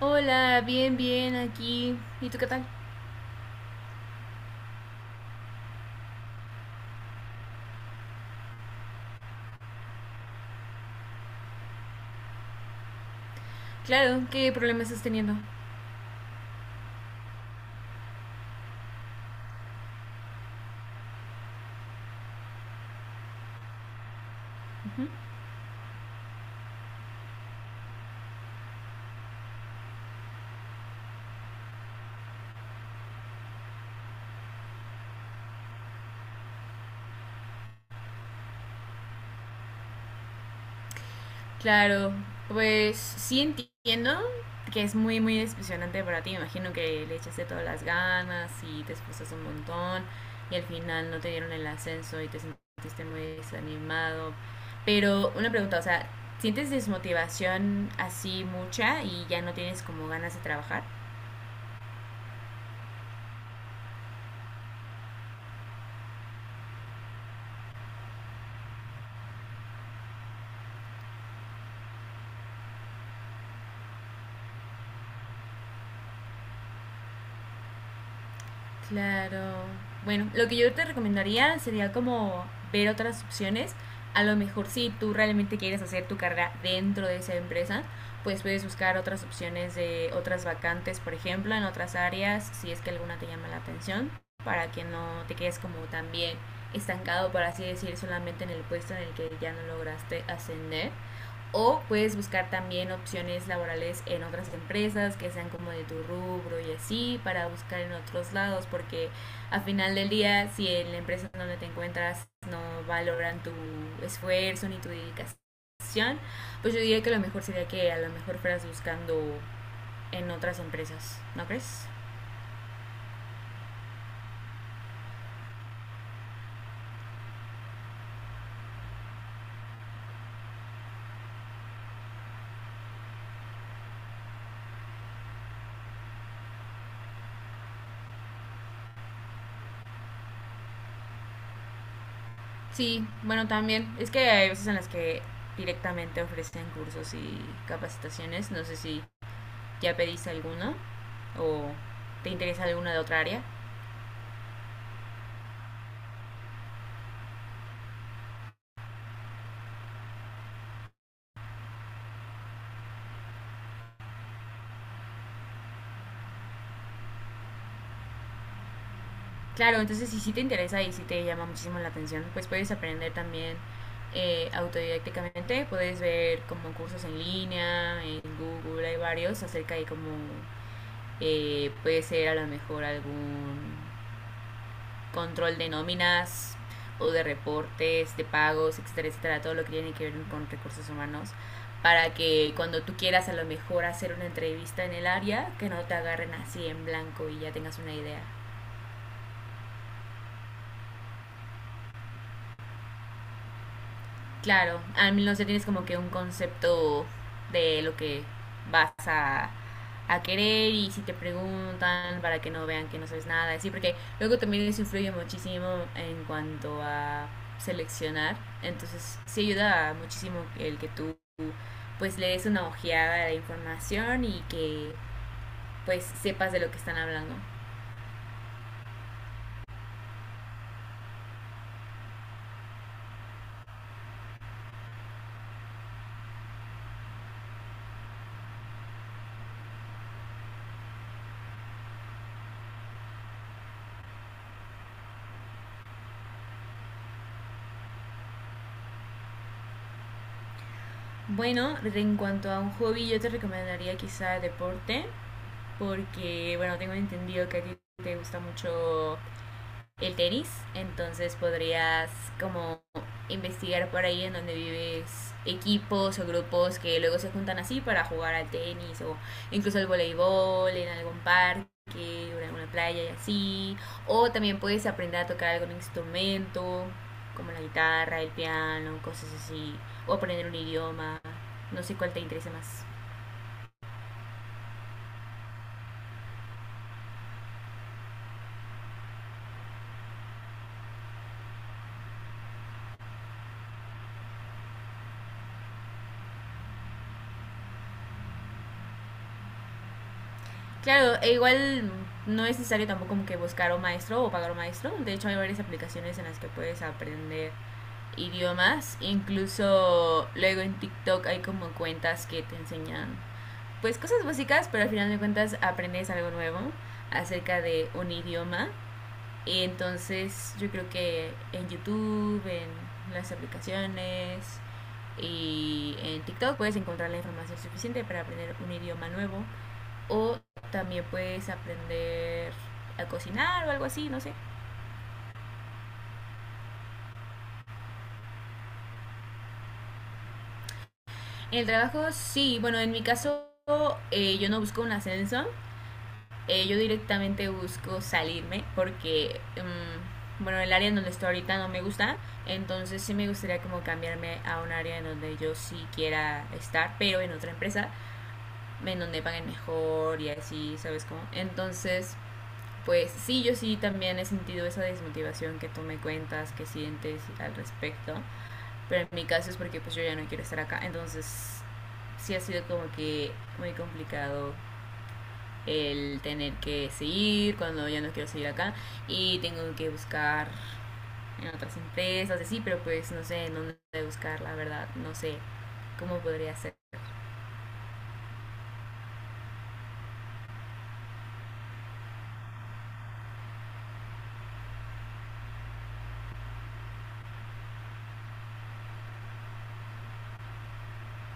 Hola, bien, bien, aquí. ¿Y tú qué tal? Claro, ¿qué problema estás teniendo? Ujú. Claro, pues sí entiendo que es muy, muy decepcionante para ti. Me imagino que le echaste todas las ganas y te esforzaste un montón y al final no te dieron el ascenso y te sentiste muy desanimado. Pero una pregunta, o sea, ¿sientes desmotivación así mucha y ya no tienes como ganas de trabajar? Claro. Bueno, lo que yo te recomendaría sería como ver otras opciones. A lo mejor si tú realmente quieres hacer tu carrera dentro de esa empresa, pues puedes buscar otras opciones de otras vacantes, por ejemplo, en otras áreas, si es que alguna te llama la atención, para que no te quedes como también estancado, por así decir, solamente en el puesto en el que ya no lograste ascender. O puedes buscar también opciones laborales en otras empresas que sean como de tu rubro y así para buscar en otros lados porque a final del día si en la empresa donde te encuentras no valoran tu esfuerzo ni tu dedicación, pues yo diría que lo mejor sería que a lo mejor fueras buscando en otras empresas, ¿no crees? Sí, bueno también es que hay veces en las que directamente ofrecen cursos y capacitaciones, no sé si ¿ya pediste alguna? ¿O te interesa alguna de otra área? Claro, entonces si sí te interesa y sí te llama muchísimo la atención, pues puedes aprender también autodidácticamente, puedes ver como cursos en línea, en Google hay varios acerca de cómo puede ser a lo mejor algún control de nóminas o de reportes, de pagos, etcétera, etcétera, todo lo que tiene que ver con recursos humanos, para que cuando tú quieras a lo mejor hacer una entrevista en el área, que no te agarren así en blanco y ya tengas una idea. Claro, al menos ya tienes como que un concepto de lo que vas a querer y si te preguntan para que no vean que no sabes nada, así, porque luego también eso influye muchísimo en cuanto a seleccionar, entonces sí ayuda muchísimo el que tú pues le des una ojeada a la información y que pues sepas de lo que están hablando. Bueno, en cuanto a un hobby, yo te recomendaría quizá deporte, porque bueno, tengo entendido que a ti te gusta mucho el tenis, entonces podrías como investigar por ahí en donde vives equipos o grupos que luego se juntan así para jugar al tenis o incluso al voleibol en algún parque o en alguna playa y así. O también puedes aprender a tocar algún instrumento como la guitarra, el piano, cosas así. O aprender un idioma, no sé cuál te interese más. Claro, e igual no es necesario tampoco como que buscar un maestro o pagar un maestro. De hecho hay varias aplicaciones en las que puedes aprender idiomas. Incluso luego en TikTok hay como cuentas que te enseñan pues cosas básicas, pero al final de cuentas aprendes algo nuevo acerca de un idioma. Y entonces yo creo que en YouTube, en las aplicaciones y en TikTok puedes encontrar la información suficiente para aprender un idioma nuevo o también puedes aprender a cocinar o algo así, no sé. En el trabajo sí, bueno, en mi caso yo no busco un ascenso, yo directamente busco salirme porque, bueno, el área en donde estoy ahorita no me gusta, entonces sí me gustaría como cambiarme a un área en donde yo sí quiera estar, pero en otra empresa, en donde paguen mejor y así, ¿sabes cómo? Entonces, pues sí, yo sí también he sentido esa desmotivación que tú me cuentas, que sientes al respecto, pero en mi caso es porque pues yo ya no quiero estar acá, entonces sí ha sido como que muy complicado el tener que seguir cuando ya no quiero seguir acá y tengo que buscar en otras empresas, así, pero pues no sé en dónde buscar, la verdad, no sé cómo podría ser.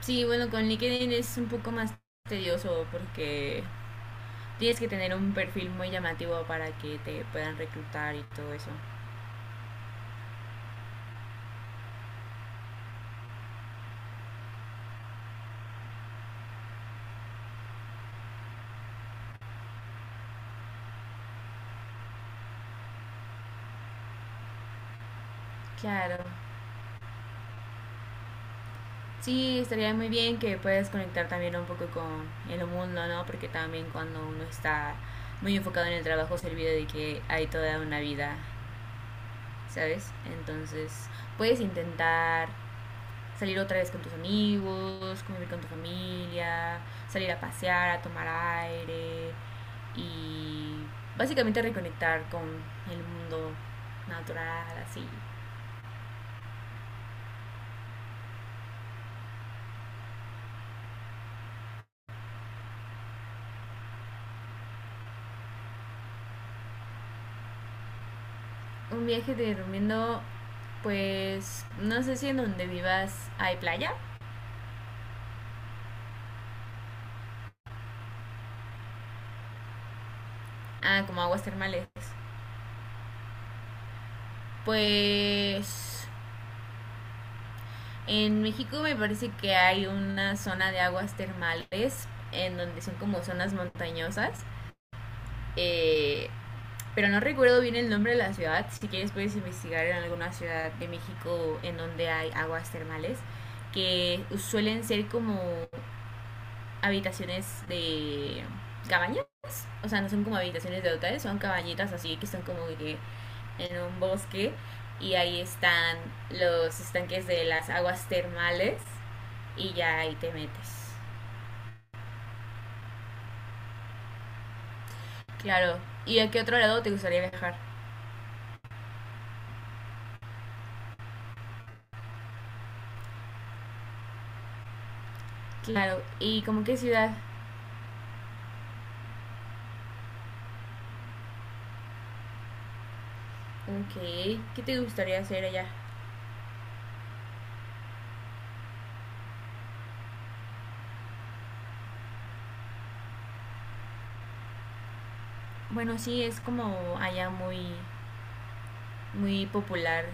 Sí, bueno, con LinkedIn es un poco más tedioso porque tienes que tener un perfil muy llamativo para que te puedan reclutar y todo eso. Claro. Sí, estaría muy bien que puedas conectar también un poco con el mundo, ¿no? Porque también cuando uno está muy enfocado en el trabajo se olvida de que hay toda una vida, ¿sabes? Entonces, puedes intentar salir otra vez con tus amigos, convivir con tu familia, salir a pasear, a tomar aire y básicamente reconectar con el mundo natural, así. Un viaje te recomiendo, pues, no sé si en donde vivas hay playa, ah, como aguas termales. Pues en México me parece que hay una zona de aguas termales en donde son como zonas montañosas. eh, pero no recuerdo bien el nombre de la ciudad. Si quieres puedes investigar en alguna ciudad de México en donde hay aguas termales que suelen ser como habitaciones de cabañas. O sea, no son como habitaciones de hoteles, son cabañitas así que están como que en un bosque. Y ahí están los estanques de las aguas termales. Y ya ahí te metes. Claro. ¿Y a qué otro lado te gustaría viajar? Claro. ¿Y como qué ciudad? Ok. ¿Qué te gustaría hacer allá? Bueno, sí, es como allá muy muy popular,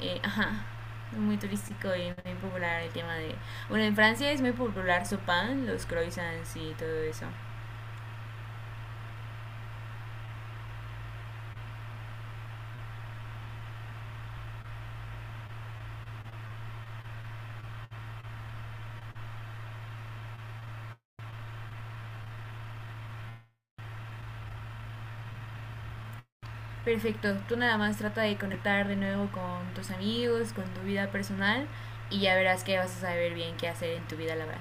ajá, muy turístico y muy popular el tema de... Bueno, en Francia es muy popular su pan, los croissants y todo eso. Perfecto, tú nada más trata de conectar de nuevo con tus amigos, con tu vida personal y ya verás que vas a saber bien qué hacer en tu vida laboral.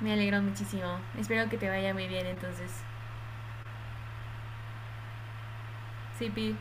Me alegro muchísimo, espero que te vaya muy bien entonces. Sí, Pi.